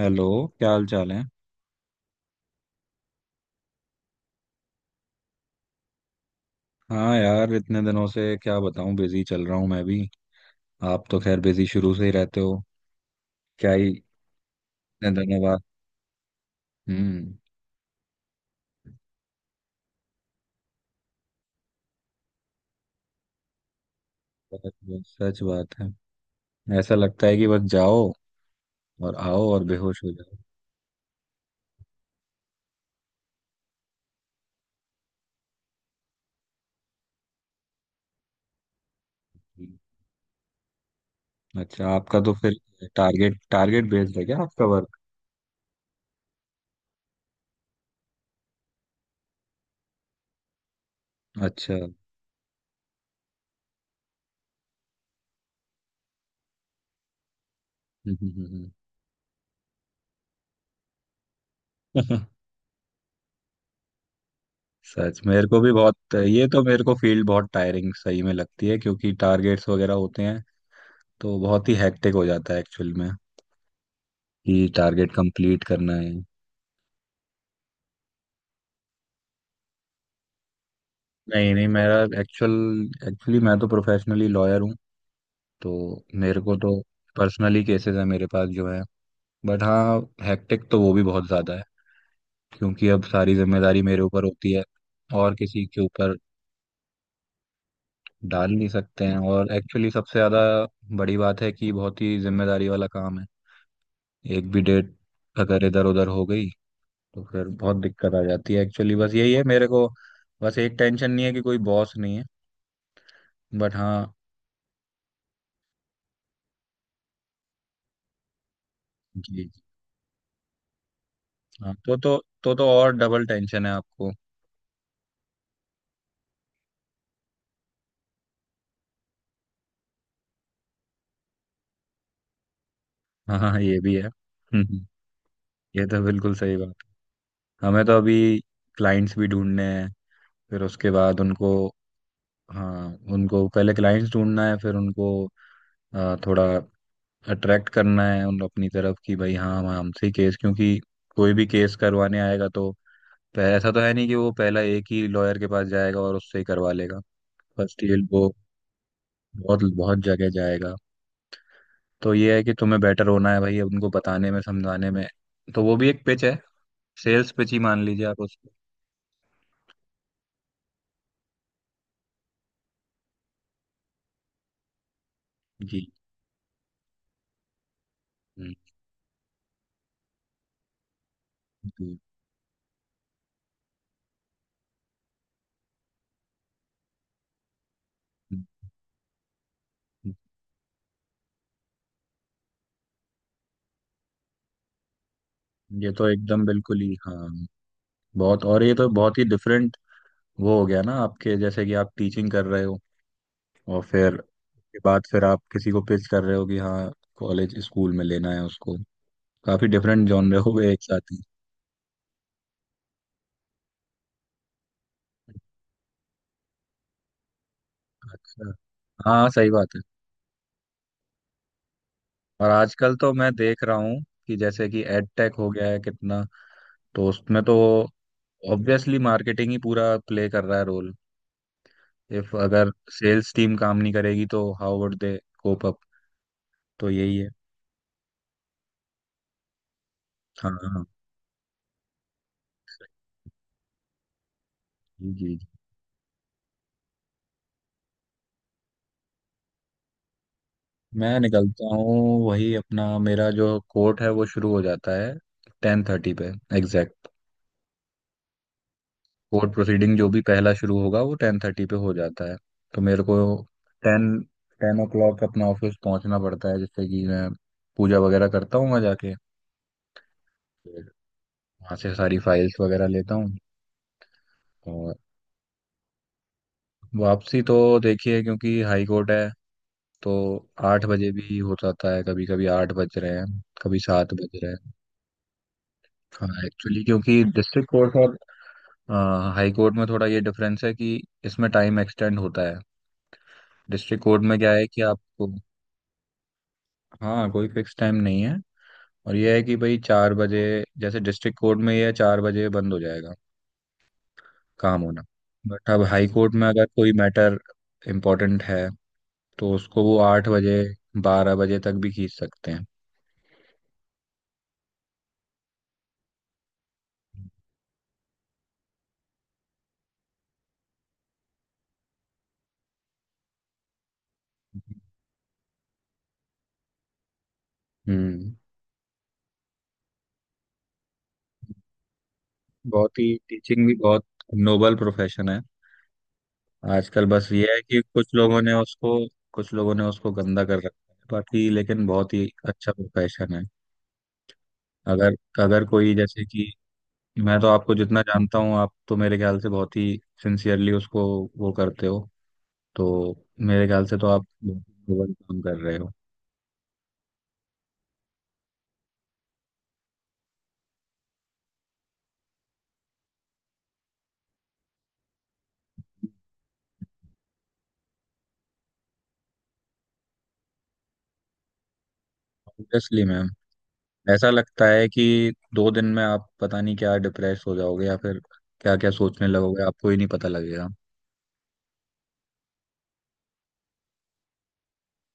Hello. क्या हाल चाल है? हाँ यार, इतने दिनों से क्या बताऊं, बिजी चल रहा हूँ मैं भी। आप तो खैर बिजी शुरू से ही रहते हो क्या ही। इतने दिनों बाद। हम्म। बहुत सच बात है। ऐसा लगता है कि बस जाओ और आओ और बेहोश हो जाओ। हम्म। अच्छा, आपका तो फिर टारगेट टारगेट बेस्ड है क्या आपका वर्क? अच्छा। हम्म। हम्म। सच, मेरे को भी बहुत ये तो, मेरे को फील्ड बहुत टायरिंग सही में लगती है क्योंकि टारगेट्स वगैरह होते हैं। तो बहुत ही हेक्टिक हो जाता है एक्चुअल में, कि टारगेट कंप्लीट करना है। नहीं नहीं, मेरा एक्चुअल एक्चुअली मैं तो प्रोफेशनली लॉयर हूँ। तो मेरे को तो पर्सनली केसेस है मेरे पास जो है। बट हाँ, हेक्टिक तो वो भी बहुत ज़्यादा है। क्योंकि अब सारी जिम्मेदारी मेरे ऊपर होती है, और किसी के ऊपर डाल नहीं सकते हैं। और एक्चुअली सबसे ज़्यादा बड़ी बात है कि बहुत ही जिम्मेदारी वाला काम है। एक भी डेट अगर इधर उधर हो गई तो फिर बहुत दिक्कत आ जाती है। एक्चुअली बस यही है मेरे को। बस एक टेंशन नहीं है कि कोई बॉस नहीं है। बट हाँ, जी जी, हाँ तो और डबल टेंशन है आपको। हाँ हाँ, ये भी है। हम्म। ये तो बिल्कुल सही बात है। हमें तो अभी क्लाइंट्स भी ढूंढने हैं, फिर उसके बाद उनको, हाँ, उनको पहले क्लाइंट्स ढूंढना है, फिर उनको थोड़ा अट्रैक्ट करना है उन अपनी तरफ, कि भाई हाँ, हम हमसे केस, क्योंकि कोई भी केस करवाने आएगा तो ऐसा तो है नहीं कि वो पहला एक ही लॉयर के पास जाएगा और उससे ही करवा लेगा। फर्स्ट ये वो, बहुत बहुत जगह जाएगा। तो ये है कि तुम्हें बेटर होना है भाई, उनको बताने में, समझाने में। तो वो भी एक पिच है, सेल्स पिच ही मान लीजिए आप उसको। जी। हम्म, जी। हम्म, हम्म। ये तो एकदम बिल्कुल ही, हाँ, बहुत। और ये तो बहुत ही डिफरेंट वो हो गया ना, आपके जैसे कि आप टीचिंग कर रहे हो और फिर उसके बाद फिर आप किसी को पिच कर रहे हो कि हाँ, कॉलेज स्कूल में लेना है उसको। काफी डिफरेंट जॉनर हो गए एक साथ ही। अच्छा। हाँ, सही बात है। और आजकल तो मैं देख रहा हूँ कि जैसे कि एड टेक हो गया है कितना, तो उसमें तो ऑब्वियसली मार्केटिंग ही पूरा प्ले कर रहा है रोल। इफ अगर सेल्स टीम काम नहीं करेगी तो how would they cope up. तो यही है। हाँ हाँ हाँ। जी जी जी। मैं निकलता हूँ, वही अपना, मेरा जो कोर्ट है वो शुरू हो जाता है 10:30 पे एग्जैक्ट। कोर्ट प्रोसीडिंग जो भी पहला शुरू होगा वो टेन थर्टी पे हो जाता है। तो मेरे को टेन टेन ओ क्लॉक अपना ऑफिस पहुंचना पड़ता है, जिससे कि मैं पूजा वगैरह करता हूँ वहाँ जाके, फिर वहाँ से सारी फाइल्स वगैरह लेता हूँ। वापसी तो, देखिए, क्योंकि हाई कोर्ट है तो 8 बजे भी हो जाता है, कभी कभी 8 बज रहे हैं, कभी 7 बज रहे हैं। हाँ, एक्चुअली क्योंकि डिस्ट्रिक्ट कोर्ट और हाई कोर्ट में थोड़ा ये डिफरेंस है कि इसमें टाइम एक्सटेंड होता है। डिस्ट्रिक्ट कोर्ट में क्या है कि आपको, हाँ, कोई फिक्स टाइम नहीं है। और ये है कि भाई 4 बजे, जैसे डिस्ट्रिक्ट कोर्ट में ये है, 4 बजे बंद हो जाएगा काम होना। बट अब हाई कोर्ट में अगर कोई मैटर इम्पोर्टेंट है तो उसको वो 8 बजे, 12 बजे तक भी खींच सकते हैं। हम्म। बहुत ही, टीचिंग भी बहुत नोबल प्रोफेशन है। आजकल बस ये है कि कुछ लोगों ने उसको गंदा कर रखा है, बाकी लेकिन बहुत ही अच्छा प्रोफेशन है। अगर अगर कोई, जैसे कि, मैं तो आपको जितना जानता हूँ, आप तो मेरे ख्याल से बहुत ही सिंसियरली उसको वो करते हो। तो मेरे ख्याल से तो आप बहुत ही नोबल काम कर रहे हो। ऑब्वियसली मैम, ऐसा लगता है कि 2 दिन में आप पता नहीं क्या डिप्रेस हो जाओगे, या फिर क्या क्या सोचने लगोगे आपको ही नहीं पता लगेगा।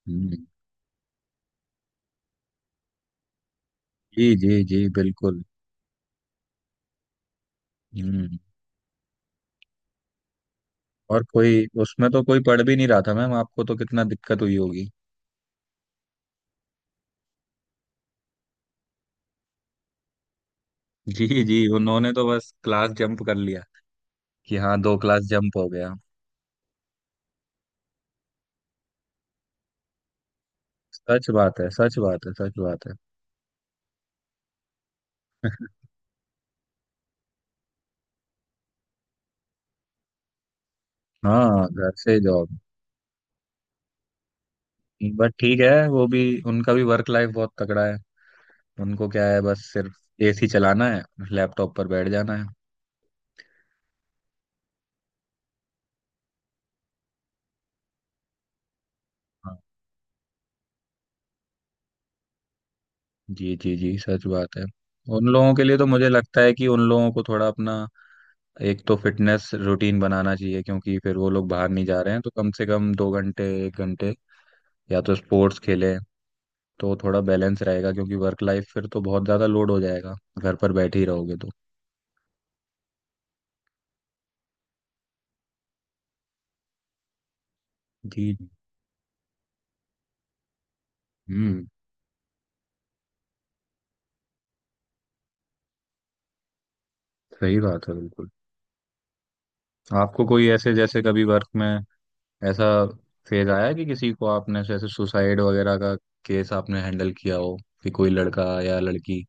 हम्म, जी जी जी, बिल्कुल। हम्म। और कोई उसमें तो कोई पढ़ भी नहीं रहा था मैम, आपको तो कितना दिक्कत हुई होगी। जी जी, उन्होंने तो बस क्लास जंप कर लिया कि हाँ, दो क्लास जंप हो गया। सच बात है, सच बात है, सच बात है। हाँ, घर से जॉब। बट ठीक है, वो भी, उनका भी वर्क लाइफ बहुत तगड़ा है। उनको क्या है, बस सिर्फ एसी चलाना है, लैपटॉप पर बैठ जाना है। हाँ, जी जी जी, सच बात है। उन लोगों के लिए तो मुझे लगता है कि उन लोगों को थोड़ा अपना एक तो फिटनेस रूटीन बनाना चाहिए, क्योंकि फिर वो लोग बाहर नहीं जा रहे हैं तो कम से कम 2 घंटे, 1 घंटे या तो स्पोर्ट्स खेलें, तो थोड़ा बैलेंस रहेगा, क्योंकि वर्क लाइफ फिर तो बहुत ज़्यादा लोड हो जाएगा, घर पर बैठे ही रहोगे तो। जी। हम्म, सही बात है, बिल्कुल। आपको कोई ऐसे, जैसे कभी वर्क में ऐसा फेज आया है कि किसी को आपने जैसे सुसाइड वगैरह का केस आपने हैंडल किया हो, कि कोई लड़का या लड़की।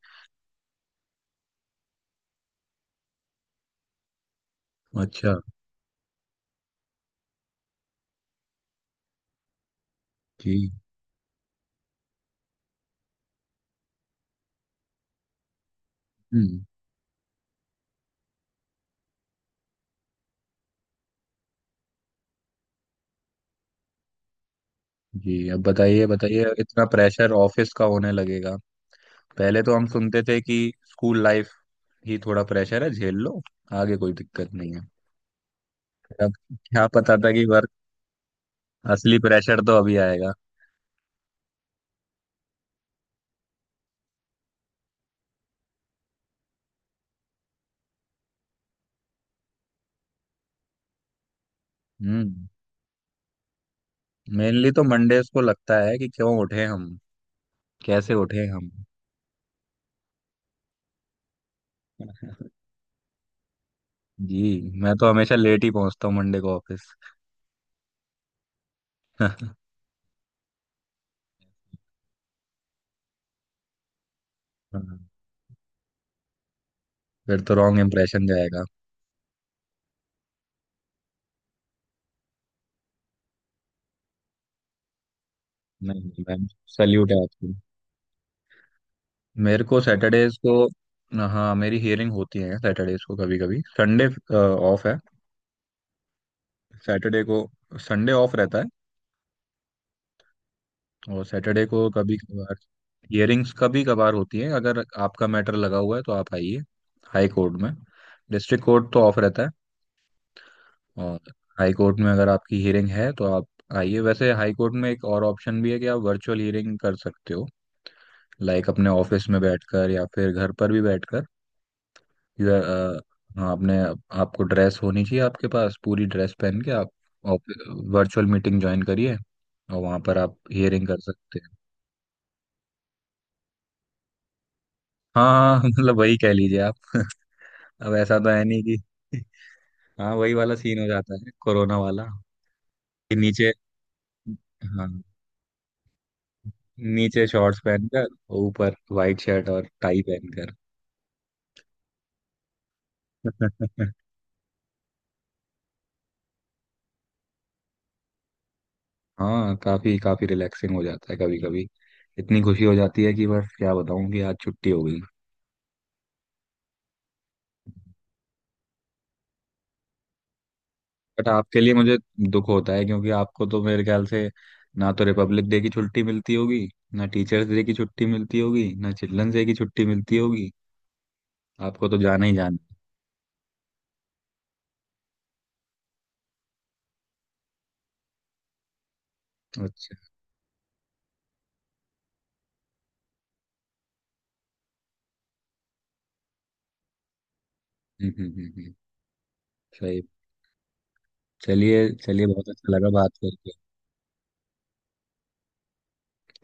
अच्छा। जी। हम्म, जी। अब बताइए बताइए, इतना प्रेशर ऑफिस का होने लगेगा। पहले तो हम सुनते थे कि स्कूल लाइफ ही थोड़ा प्रेशर है, झेल लो, आगे कोई दिक्कत नहीं है। फिर अब, क्या पता था कि वर्क, असली प्रेशर तो अभी आएगा। हम्म। मेनली तो मंडेज को लगता है कि क्यों उठे हम, कैसे उठे हम। जी, मैं तो हमेशा लेट ही पहुंचता हूँ मंडे को ऑफिस। हाँ, फिर तो रॉन्ग इम्प्रेशन जाएगा। नहीं नहीं मैम, सल्यूट है आपको। मेरे को सैटरडेज को, हाँ, मेरी हियरिंग होती है सैटरडेज को, कभी कभी। संडे ऑफ है, सैटरडे को। संडे ऑफ रहता है और सैटरडे को कभी कभार हियरिंग्स कभी कभार होती है, अगर आपका मैटर लगा हुआ है तो आप आइए हाई कोर्ट में। डिस्ट्रिक्ट कोर्ट तो ऑफ रहता है, और हाई कोर्ट में अगर आपकी हियरिंग है तो आप आइए। वैसे हाई कोर्ट में एक और ऑप्शन भी है कि आप वर्चुअल हियरिंग कर सकते हो, लाइक अपने ऑफिस में बैठकर या फिर घर पर भी बैठकर। यू अ, हाँ, आपने आपको ड्रेस होनी चाहिए, आपके पास पूरी ड्रेस पहन के आप वर्चुअल मीटिंग ज्वाइन करिए और वहाँ पर आप हियरिंग कर सकते हैं। हाँ हाँ हाँ, मतलब वही कह लीजिए आप। अब ऐसा तो है नहीं कि, हाँ, वही वाला सीन हो जाता है कोरोना वाला। कि नीचे हाँ, नीचे शॉर्ट्स पहनकर ऊपर वाइट शर्ट और टाई पहनकर। हाँ, काफी काफी रिलैक्सिंग हो जाता है कभी कभी। इतनी खुशी हो जाती है कि बस क्या बताऊं कि आज छुट्टी हो गई। बट आपके लिए मुझे दुख होता है, क्योंकि आपको तो मेरे ख्याल से ना तो रिपब्लिक डे की छुट्टी मिलती होगी, ना टीचर्स डे की छुट्टी मिलती होगी, ना चिल्ड्रंस डे की छुट्टी मिलती होगी, आपको तो जाना ही जाना। अच्छा। हम्म हम्म हम्म हम्म। सही। चलिए चलिए, बहुत अच्छा लगा बात करके।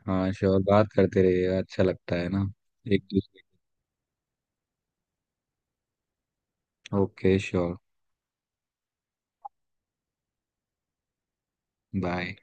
हाँ श्योर, बात करते रहिएगा, अच्छा लगता है ना। एक दूसरे। Okay sure. बाय।